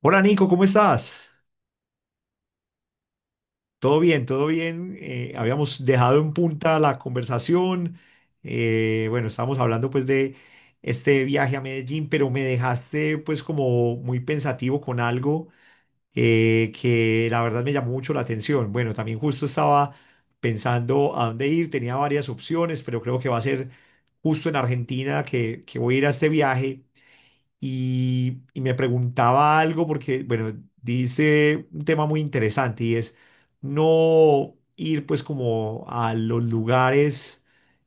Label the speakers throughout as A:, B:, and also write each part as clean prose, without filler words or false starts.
A: Hola, Nico, ¿cómo estás? Todo bien, todo bien. Habíamos dejado en punta la conversación. Bueno, estábamos hablando pues de este viaje a Medellín, pero me dejaste pues como muy pensativo con algo que la verdad me llamó mucho la atención. Bueno, también justo estaba pensando a dónde ir, tenía varias opciones, pero creo que va a ser justo en Argentina que voy a ir a este viaje. Y me preguntaba algo porque, bueno, dice un tema muy interesante y es no ir pues como a los lugares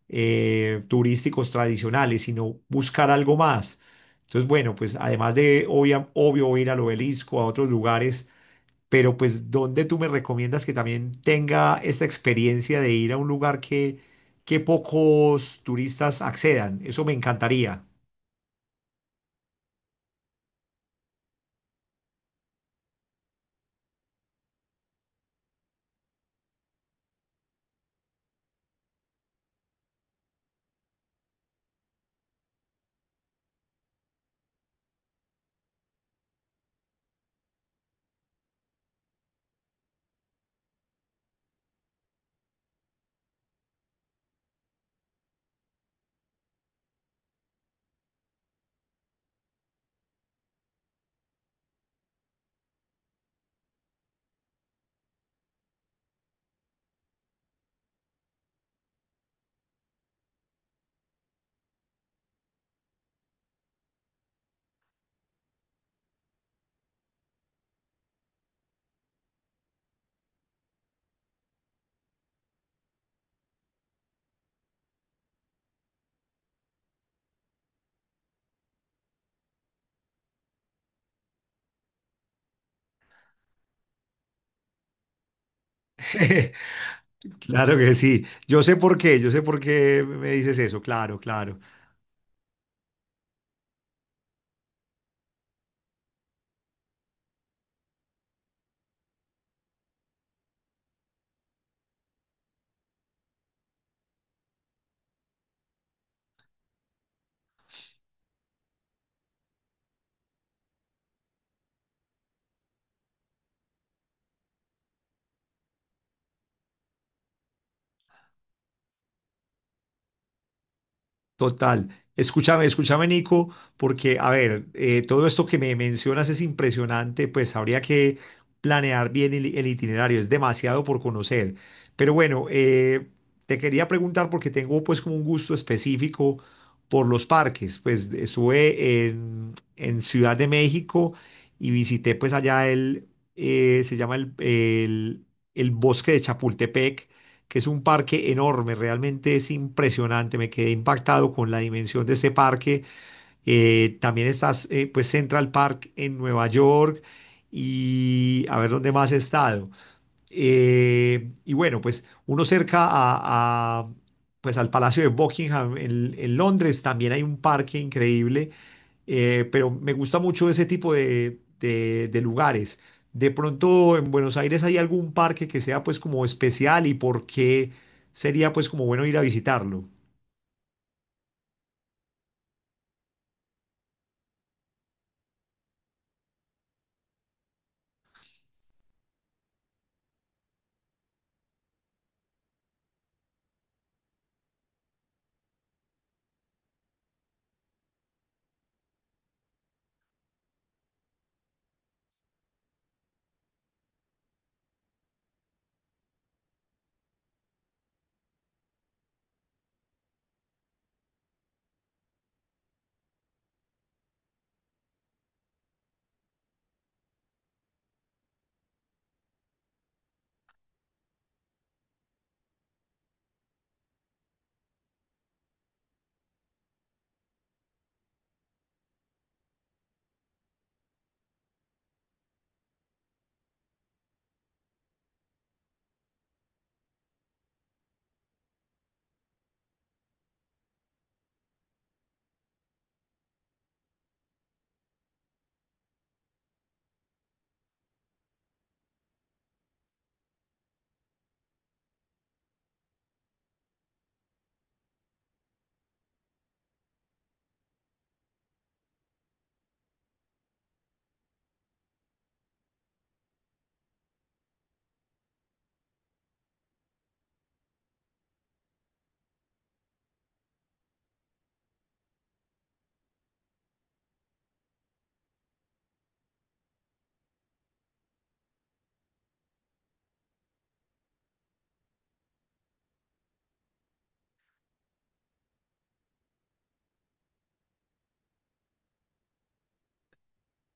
A: turísticos tradicionales, sino buscar algo más. Entonces, bueno, pues además de obvio ir al Obelisco, a otros lugares, pero pues ¿dónde tú me recomiendas que también tenga esta experiencia de ir a un lugar que pocos turistas accedan? Eso me encantaría. Claro que sí. Yo sé por qué, yo sé por qué me dices eso. Claro, claro. Total. Escúchame, escúchame, Nico, porque, a ver, todo esto que me mencionas es impresionante, pues habría que planear bien el itinerario, es demasiado por conocer. Pero bueno, te quería preguntar porque tengo pues como un gusto específico por los parques, pues estuve en Ciudad de México y visité pues allá se llama el Bosque de Chapultepec, que es un parque enorme, realmente es impresionante, me quedé impactado con la dimensión de este parque. También está pues Central Park en Nueva York y a ver dónde más he estado. Y bueno, pues uno cerca pues al Palacio de Buckingham en Londres también hay un parque increíble, pero me gusta mucho ese tipo de lugares. De pronto en Buenos Aires hay algún parque que sea pues como especial y por qué sería pues como bueno ir a visitarlo.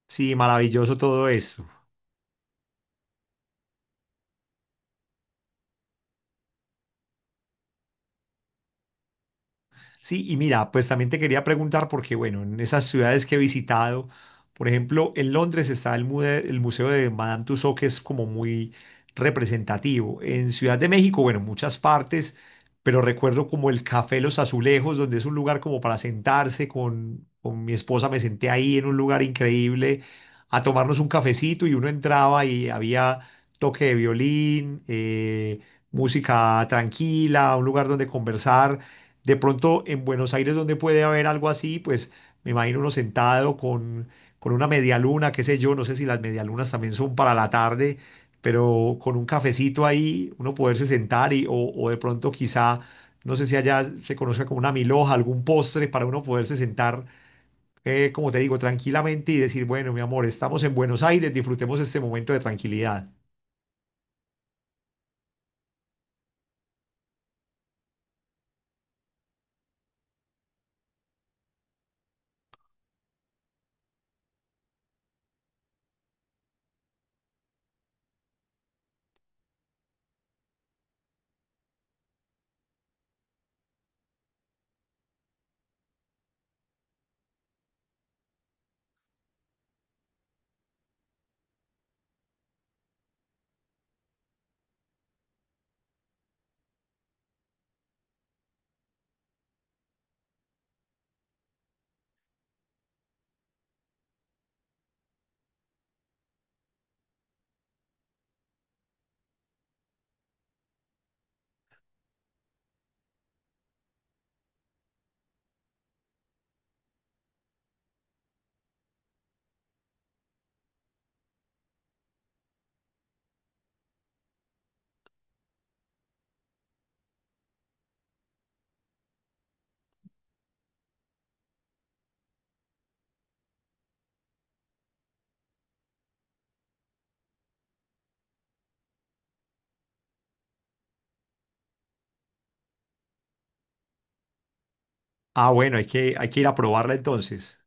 A: Sí, maravilloso todo eso. Sí, y mira, pues también te quería preguntar porque, bueno, en esas ciudades que he visitado, por ejemplo, en Londres está el Museo de Madame Tussauds, que es como muy representativo. En Ciudad de México, bueno, muchas partes, pero recuerdo como el Café Los Azulejos, donde es un lugar como para sentarse con mi esposa, me senté ahí en un lugar increíble a tomarnos un cafecito y uno entraba y había toque de violín, música tranquila, un lugar donde conversar de pronto en Buenos Aires, donde puede haber algo así, pues me imagino uno sentado con una media luna, qué sé yo, no sé si las medialunas también son para la tarde, pero con un cafecito ahí, uno poderse sentar o de pronto quizá, no sé si allá se conozca como una milhoja, algún postre para uno poderse sentar, como te digo, tranquilamente y decir, bueno, mi amor, estamos en Buenos Aires, disfrutemos este momento de tranquilidad. Ah, bueno, hay que ir a probarla entonces.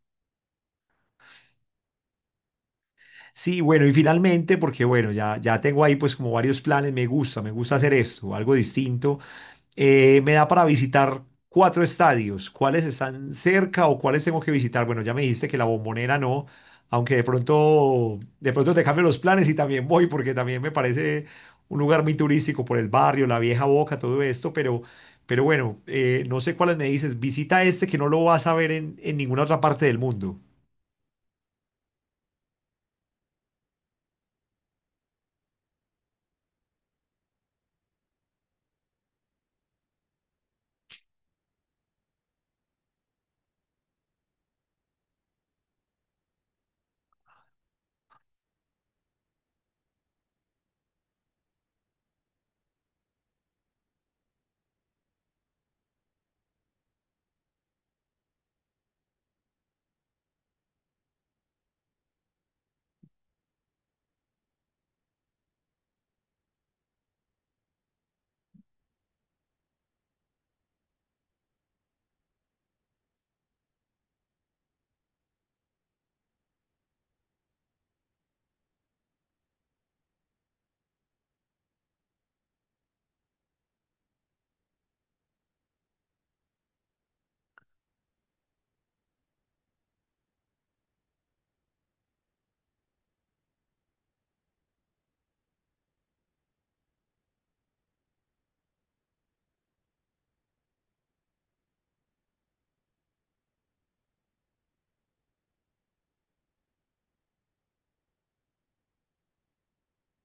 A: Sí, bueno, y finalmente, porque bueno, ya, ya tengo ahí pues como varios planes, me gusta hacer esto, algo distinto, me da para visitar cuatro estadios, ¿cuáles están cerca o cuáles tengo que visitar? Bueno, ya me dijiste que la Bombonera no, aunque de pronto te cambio los planes y también voy porque también me parece un lugar muy turístico por el barrio, la Vieja Boca, todo esto, pero bueno, no sé cuáles me dices, visita este que no lo vas a ver en ninguna otra parte del mundo.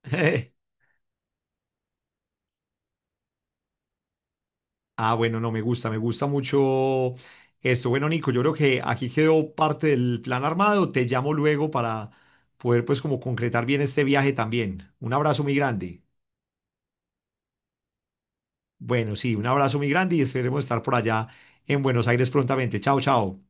A: Ah, bueno, no, me gusta mucho esto. Bueno, Nico, yo creo que aquí quedó parte del plan armado. Te llamo luego para poder pues como concretar bien este viaje también. Un abrazo muy grande. Bueno, sí, un abrazo muy grande y esperemos estar por allá en Buenos Aires prontamente. Chao, chao.